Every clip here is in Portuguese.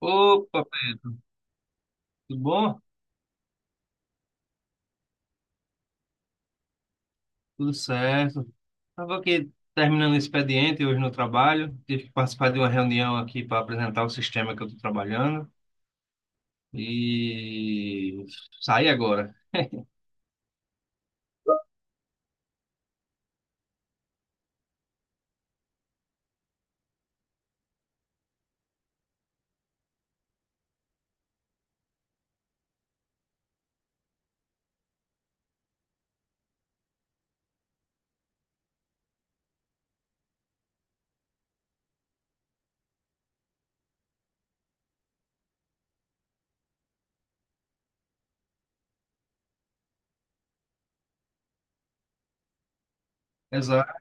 Opa, tudo bom? Tudo certo. Estava aqui terminando o expediente hoje no trabalho. Tive que participar de uma reunião aqui para apresentar o sistema que eu estou trabalhando. E saí agora. Exato.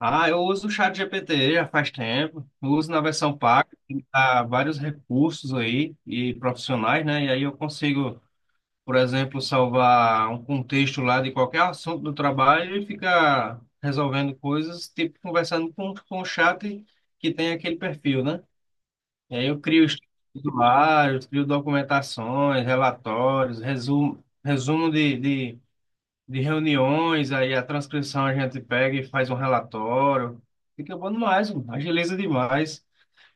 Ah, eu uso o chat GPT já faz tempo. Eu uso na versão paga. Tem que dar vários recursos aí e profissionais, né? E aí eu consigo, por exemplo, salvar um contexto lá de qualquer assunto do trabalho e ficar resolvendo coisas, tipo conversando com o chat que tem aquele perfil, né? E aí eu crio estudos, crio documentações, relatórios, resumo, resumo de reuniões, aí a transcrição a gente pega e faz um relatório. Fica bom demais, mano, agiliza demais.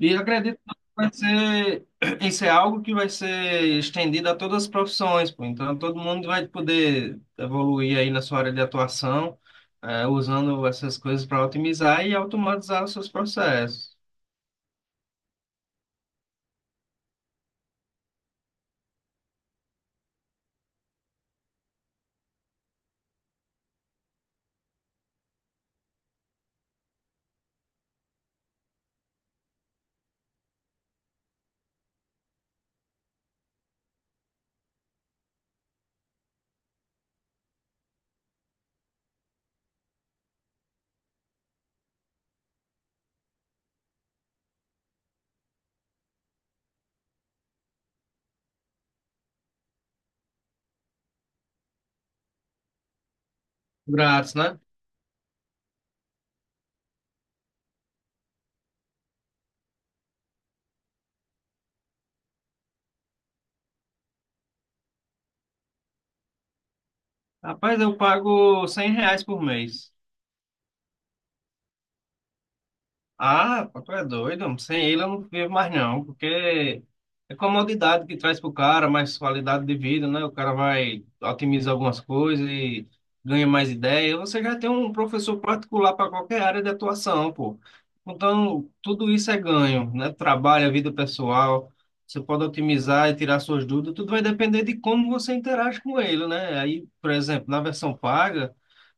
E acredito que vai ser, isso é algo que vai ser estendido a todas as profissões, pô. Então todo mundo vai poder evoluir aí na sua área de atuação, usando essas coisas para otimizar e automatizar os seus processos. Grátis, né? Rapaz, eu pago R$ 100 por mês. Ah, pô, tu é doido, homem. Sem ele eu não vivo mais não, porque é comodidade que traz pro cara, mais qualidade de vida, né? O cara vai otimizar algumas coisas e ganha mais ideia. Você já tem um professor particular para qualquer área de atuação, pô. Então, tudo isso é ganho, né? Trabalho, vida pessoal, você pode otimizar e tirar suas dúvidas, tudo vai depender de como você interage com ele, né? Aí, por exemplo, na versão paga,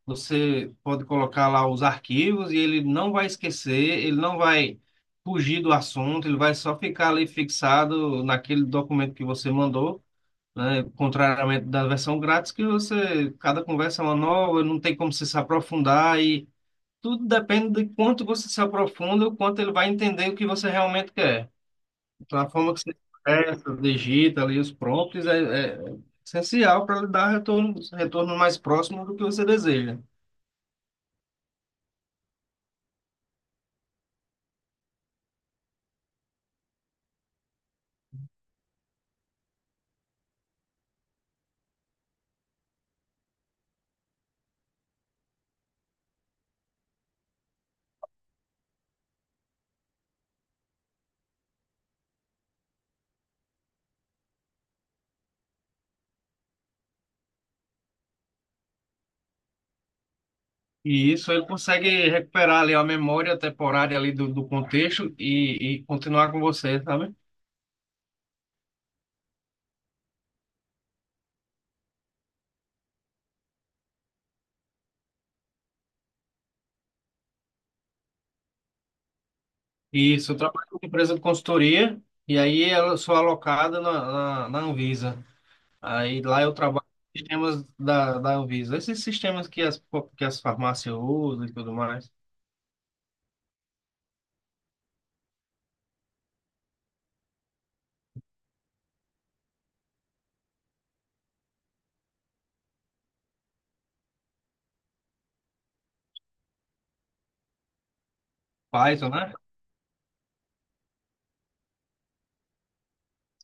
você pode colocar lá os arquivos e ele não vai esquecer, ele não vai fugir do assunto, ele vai só ficar ali fixado naquele documento que você mandou, né? Contrariamente da versão grátis, que você, cada conversa é uma nova, não tem como você se aprofundar e tudo depende de quanto você se aprofunda, o quanto ele vai entender o que você realmente quer. Então, a forma que você expressa, digita ali os prompts é essencial para ele dar retorno, retorno mais próximo do que você deseja. E isso ele consegue recuperar ali a memória temporária ali do contexto e continuar com você, sabe? E isso, eu trabalho com empresa de consultoria e aí eu sou alocado na Anvisa. Aí lá eu trabalho com sistemas da Anvisa. Esses sistemas que as farmácias usam e tudo mais. Python, né?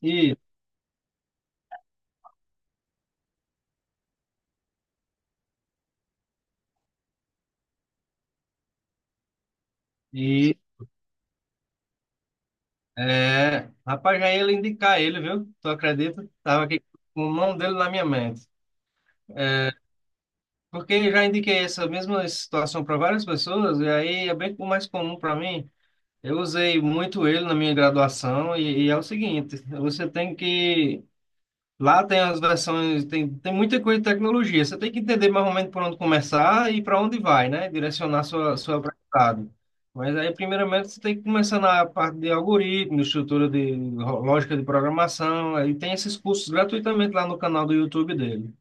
E, e rapaz, já ia lhe indicar ele, viu? Tu acredita? Tava aqui com o nome dele na minha mente. Porque eu já indiquei essa mesma situação para várias pessoas, e aí é bem o mais comum para mim. Eu usei muito ele na minha graduação, e é o seguinte: você tem que... Lá tem as versões, tem, tem muita coisa de tecnologia, você tem que entender mais ou menos por onde começar e para onde vai, né? Direcionar sua, seu aprendizado. Mas aí, primeiramente, você tem que começar na parte de algoritmo, estrutura de lógica de programação, aí tem esses cursos gratuitamente lá no canal do YouTube dele.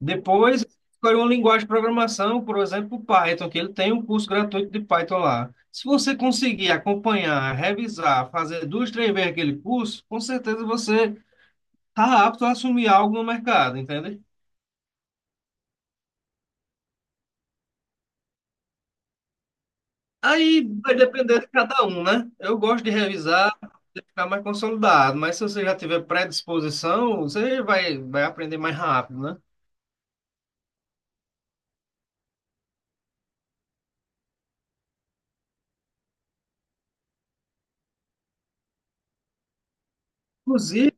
Depois, escolhe uma linguagem de programação, por exemplo, Python, que ele tem um curso gratuito de Python lá. Se você conseguir acompanhar, revisar, fazer duas, três vezes aquele curso, com certeza você está apto a assumir algo no mercado, entende? Aí vai depender de cada um, né? Eu gosto de revisar, de ficar mais consolidado, mas se você já tiver predisposição, você vai, vai aprender mais rápido, né? Inclusive,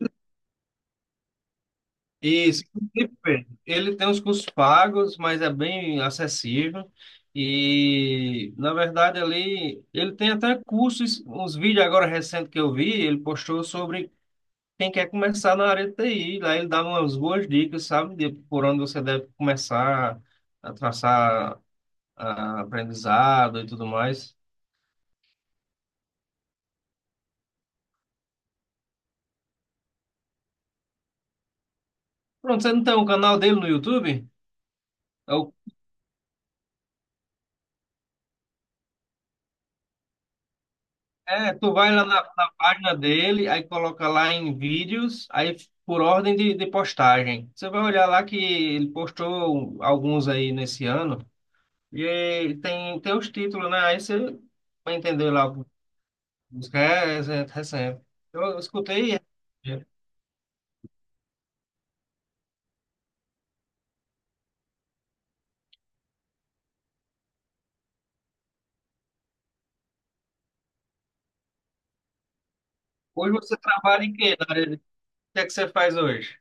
Isso. Inclusive, ele tem os cursos pagos, mas é bem acessível. E, na verdade, ali ele tem até cursos, uns vídeos agora recentes que eu vi, ele postou sobre quem quer começar na área de TI. Lá ele dá umas boas dicas, sabe, de por onde você deve começar a traçar aprendizado e tudo mais. Pronto, você não tem um canal dele no YouTube? É, tu vai lá na página dele, aí coloca lá em vídeos, aí por ordem de postagem. Você vai olhar lá que ele postou alguns aí nesse ano, e aí tem, tem os títulos, né? Aí você vai entender lá o que é recente. Eu escutei. É. Hoje você trabalha em quê? Na área de... O que é que você faz hoje?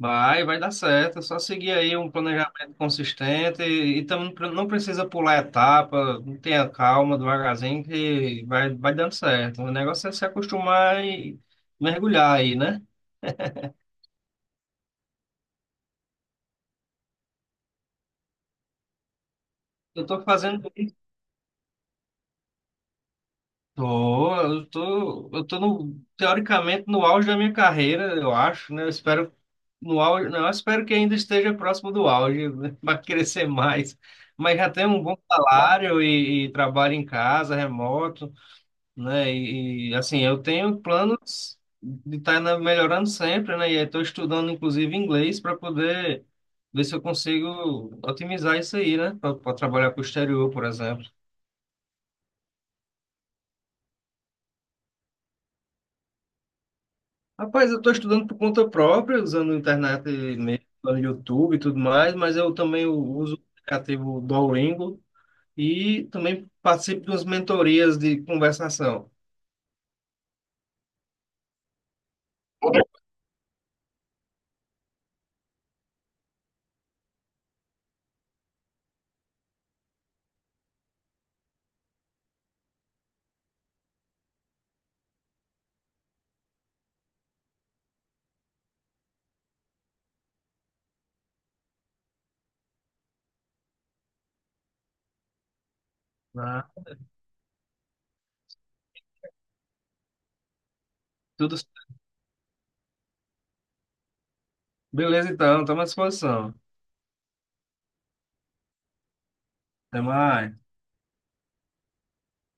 Vai, vai dar certo. É só seguir aí um planejamento consistente e tam- não precisa pular etapa, tenha calma, devagarzinho, que vai, vai dando certo. O negócio é se acostumar e mergulhar aí, né? Eu tô fazendo isso. Tô, eu tô no, teoricamente no auge da minha carreira, eu acho, né? Eu espero... no auge, não, eu espero que ainda esteja próximo do auge, né? vai crescer mais. Mas já tenho um bom salário e trabalho em casa, remoto, né? E, assim, eu tenho planos de estar melhorando sempre, né? E estou estudando inclusive inglês para poder ver se eu consigo otimizar isso aí, né? Para trabalhar para o exterior, por exemplo. Rapaz, eu estou estudando por conta própria, usando internet mesmo, no YouTube e tudo mais, mas eu também uso o aplicativo Duolingo e também participo de umas mentorias de conversação. Tá. Tudo beleza, então, estamos à disposição. Até mais.